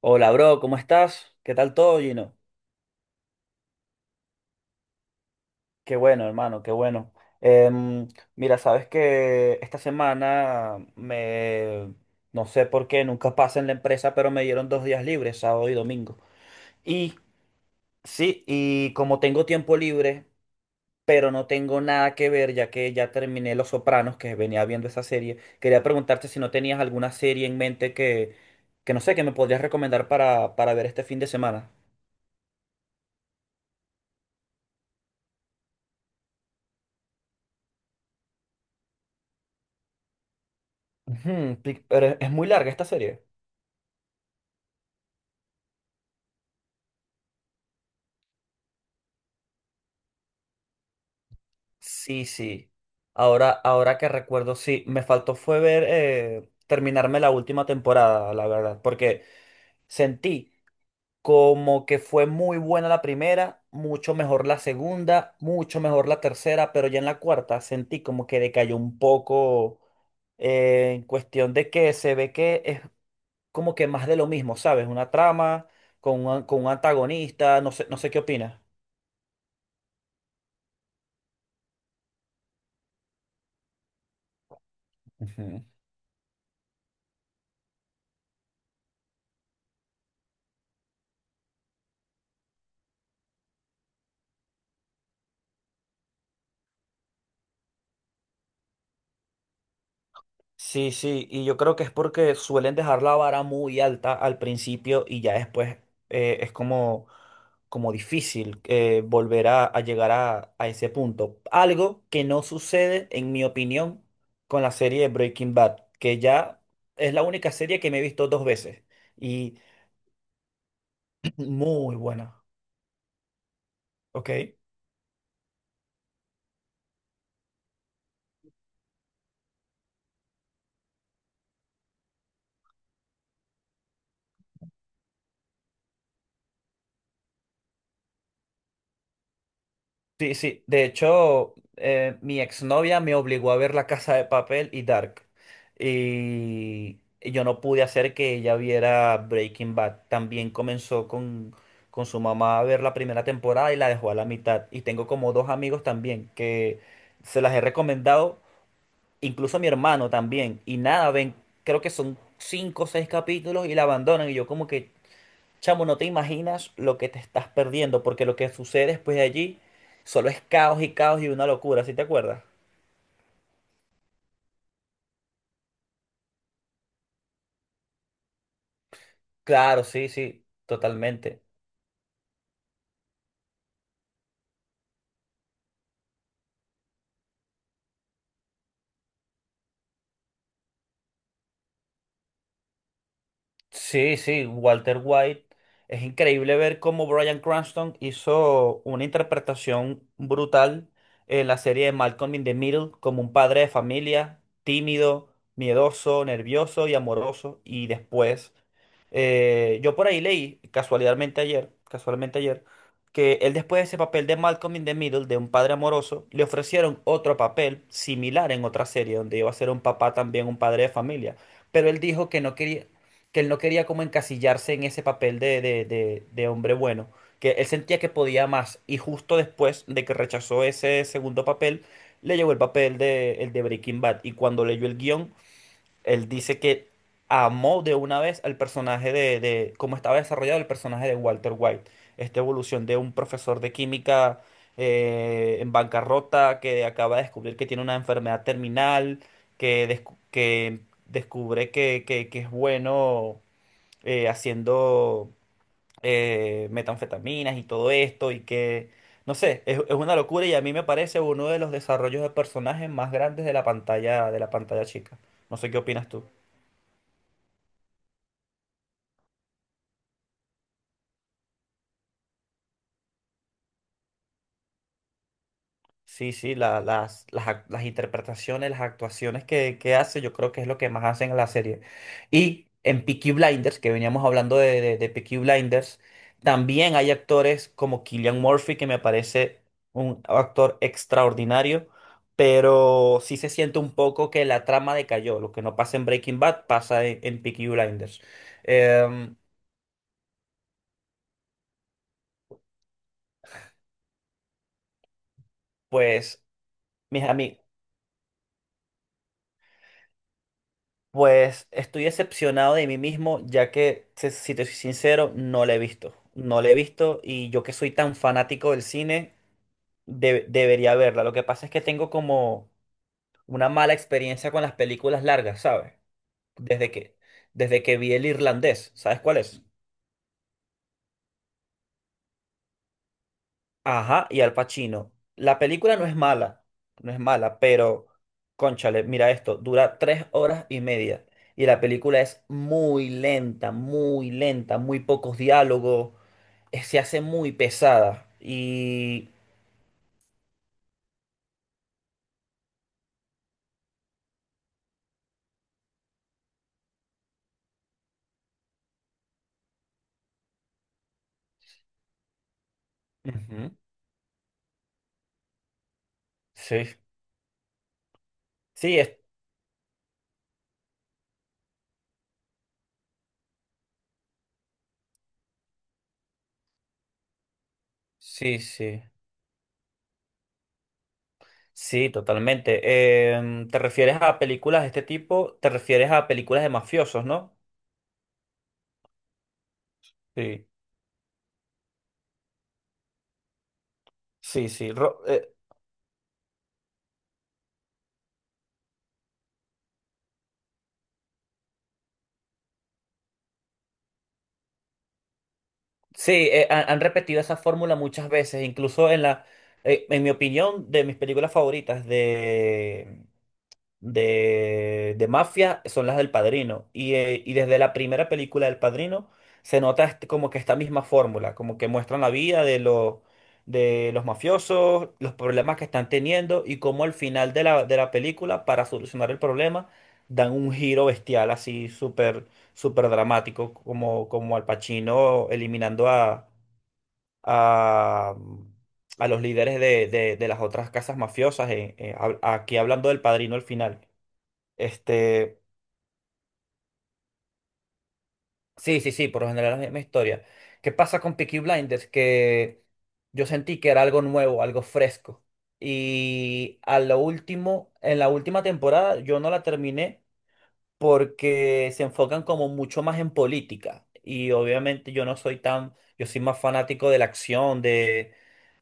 Hola, bro, ¿cómo estás? ¿Qué tal todo, Gino? Qué bueno, hermano, qué bueno. Em, Mira, sabes que esta semana no sé por qué, nunca pasa en la empresa, pero me dieron dos días libres, sábado y domingo. Y sí, y como tengo tiempo libre, pero no tengo nada que ver, ya que ya terminé Los Sopranos, que venía viendo esa serie, quería preguntarte si no tenías alguna serie en mente que no sé, que me podrías recomendar para ver este fin de semana. Ujú, pero es muy larga esta serie. Sí, sí. Ahora que recuerdo, sí, me faltó fue ver terminarme la última temporada, la verdad, porque sentí como que fue muy buena la primera, mucho mejor la segunda, mucho mejor la tercera, pero ya en la cuarta sentí como que decayó un poco en cuestión de que se ve que es como que más de lo mismo, ¿sabes? Una trama con un antagonista, no sé, no sé qué opinas. Ujú. Sí, sí, y yo creo que es porque suelen dejar la vara muy alta al principio y ya después es como difícil volver a llegar a ese punto. Algo que no sucede, en mi opinión, con la serie de Breaking Bad, que ya es la única serie que me he visto dos veces y muy buena, ¿ok? Sí, sí. De hecho, mi exnovia me obligó a ver La Casa de Papel y Dark. Y yo no pude hacer que ella viera Breaking Bad. También comenzó con su mamá a ver la primera temporada y la dejó a la mitad. Y tengo como dos amigos también que se las he recomendado, incluso a mi hermano también. Y nada, ven, creo que son cinco o seis capítulos y la abandonan. Y yo como que chamo, no te imaginas lo que te estás perdiendo, porque lo que sucede después de allí solo es caos y caos y una locura, ¿sí te acuerdas? Claro, sí, sí, totalmente. Sí, sí, Walter White. Es increíble ver cómo Bryan Cranston hizo una interpretación brutal en la serie de Malcolm in the Middle como un padre de familia, tímido, miedoso, nervioso y amoroso. Y después, yo por ahí leí, casualmente ayer, que él después de ese papel de Malcolm in the Middle, de un padre amoroso, le ofrecieron otro papel similar en otra serie, donde iba a ser un papá también, un padre de familia. Pero él dijo que no quería que él no quería como encasillarse en ese papel de hombre bueno, que él sentía que podía más y justo después de que rechazó ese segundo papel, le llegó el papel el de Breaking Bad, y cuando leyó el guión, él dice que amó de una vez al personaje de cómo estaba desarrollado el personaje de Walter White, esta evolución de un profesor de química en bancarrota que acaba de descubrir que tiene una enfermedad terminal, que descubre que que es bueno haciendo metanfetaminas y todo esto, no sé, es una locura y a mí me parece uno de los desarrollos de personajes más grandes de la pantalla chica. No sé qué opinas tú. Sí, sí, las interpretaciones, las actuaciones que hace, yo creo que es lo que más hacen en la serie. Y en Peaky Blinders, que veníamos hablando de Peaky Blinders, también hay actores como Cillian Murphy, que me parece un actor extraordinario, pero sí se siente un poco que la trama decayó. Lo que no pasa en Breaking Bad pasa en Peaky Blinders. Em, pues, mis amigos. Pues estoy decepcionado de mí mismo, ya que, si te soy sincero, no la he visto. No la he visto y yo que soy tan fanático del cine, debería verla. Lo que pasa es que tengo como una mala experiencia con las películas largas, ¿sabes? Desde que, desde que vi El Irlandés, ¿sabes cuál es? Ajá, y Al Pacino. La película no es mala, no es mala, pero, cónchale, mira esto, dura tres horas y media. Y la película es muy lenta, muy lenta, muy pocos diálogos. Eh, se hace muy pesada. Y ujú. sí, sí, sí, sí. Sí, totalmente. ¿Te refieres a películas de este tipo? ¿Te refieres a películas de mafiosos, no? Sí, sí, sí. Sí, han repetido esa fórmula muchas veces, incluso en la, en mi opinión, de mis películas favoritas de mafia son las del Padrino. Y desde la primera película del Padrino se nota como que esta misma fórmula, como que muestran la vida de los mafiosos, los problemas que están teniendo y cómo al final de la película, para solucionar el problema, dan un giro bestial así súper súper dramático, como Al Pacino eliminando a, a los líderes de las otras casas mafiosas, aquí hablando del Padrino al final. Este, sí, sí, sí, por lo general es la misma historia. ¿Qué pasa con Peaky Blinders? Que yo sentí que era algo nuevo, algo fresco. Y a lo último, en la última temporada yo no la terminé porque se enfocan como mucho más en política. Y obviamente yo no soy tan, yo soy más fanático de la acción, de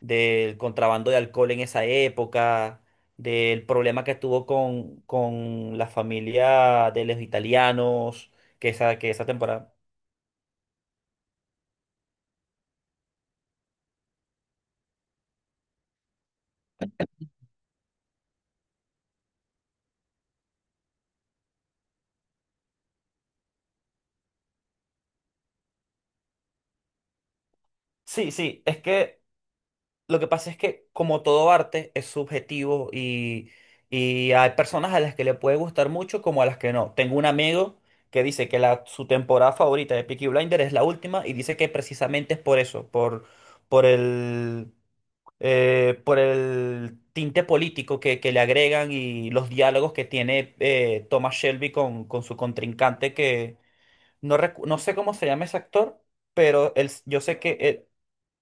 del contrabando de alcohol en esa época, del problema que tuvo con la familia de los italianos, que esa temporada. Sí, sí, es que lo que pasa es que como todo arte es subjetivo y hay personas a las que le puede gustar mucho como a las que no. Tengo un amigo que dice su temporada favorita de Peaky Blinder es la última y dice que precisamente es por eso, por el... por el tinte político que le agregan y los diálogos que tiene Thomas Shelby con su contrincante, que no sé cómo se llama ese actor, pero él, yo sé que él,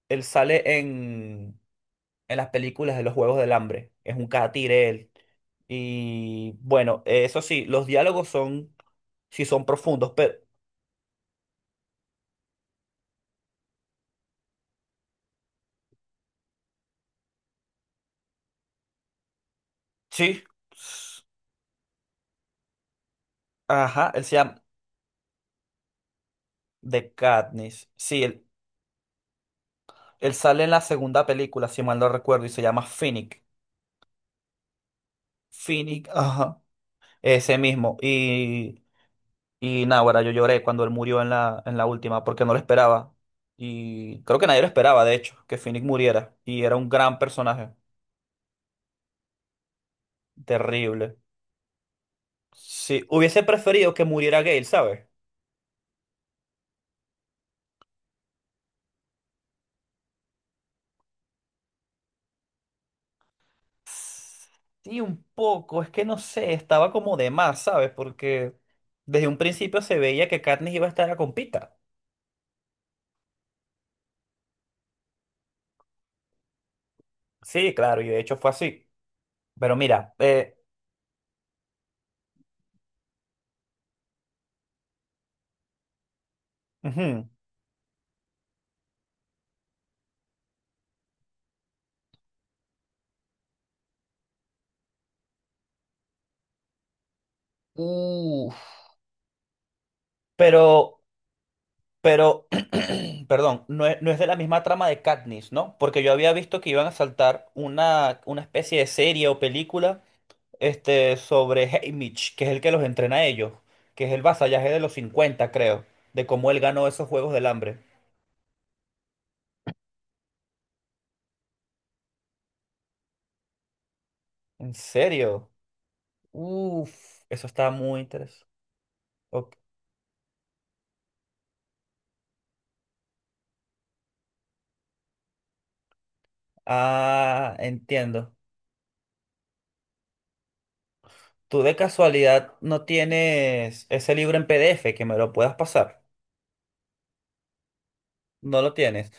él sale en las películas de los Juegos del Hambre, es un catire él. Y bueno, eso sí, sí son profundos, pero sí, s- ajá, él se llama The Katniss, sí, él sale en la segunda película, si mal no recuerdo, y se llama Finnick. Finnick, ajá. Ese mismo. Y nada, ahora yo lloré cuando él murió en en la última, porque no lo esperaba. Y creo que nadie lo esperaba, de hecho, que Finnick muriera. Y era un gran personaje. Terrible. Sí, hubiese preferido que muriera Gale, ¿sabes? Sí, un poco. Es que no sé, estaba como de más, ¿sabes? Porque desde un principio se veía que Katniss iba a estar a compita. Sí, claro, y de hecho fue así. Pero mira, ujú. Uf, Pero, pero, perdón, no es de la misma trama de Katniss, ¿no? Porque yo había visto que iban a saltar una especie de serie o película este, sobre Haymitch, que es el que los entrena a ellos, que es el vasallaje de los 50 creo, de cómo él ganó esos Juegos del Hambre. ¿En serio? Uf. Eso está muy interesante. Ok. Ah, entiendo. ¿Tú de casualidad no tienes ese libro en PDF que me lo puedas pasar? No lo tienes.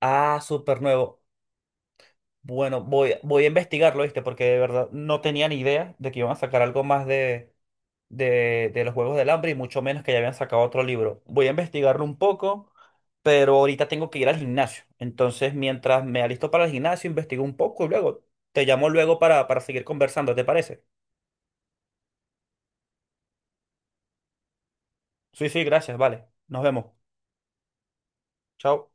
Ah, súper nuevo. Bueno, voy, voy a investigarlo, ¿viste? Porque de verdad no tenía ni idea de que iban a sacar algo más de los Juegos del Hambre y mucho menos que ya habían sacado otro libro. Voy a investigarlo un poco, pero ahorita tengo que ir al gimnasio. Entonces, mientras me alisto para el gimnasio, investigo un poco y luego te llamo luego para seguir conversando, ¿te parece? Sí, sí, gracias, vale. Nos vemos. Chao.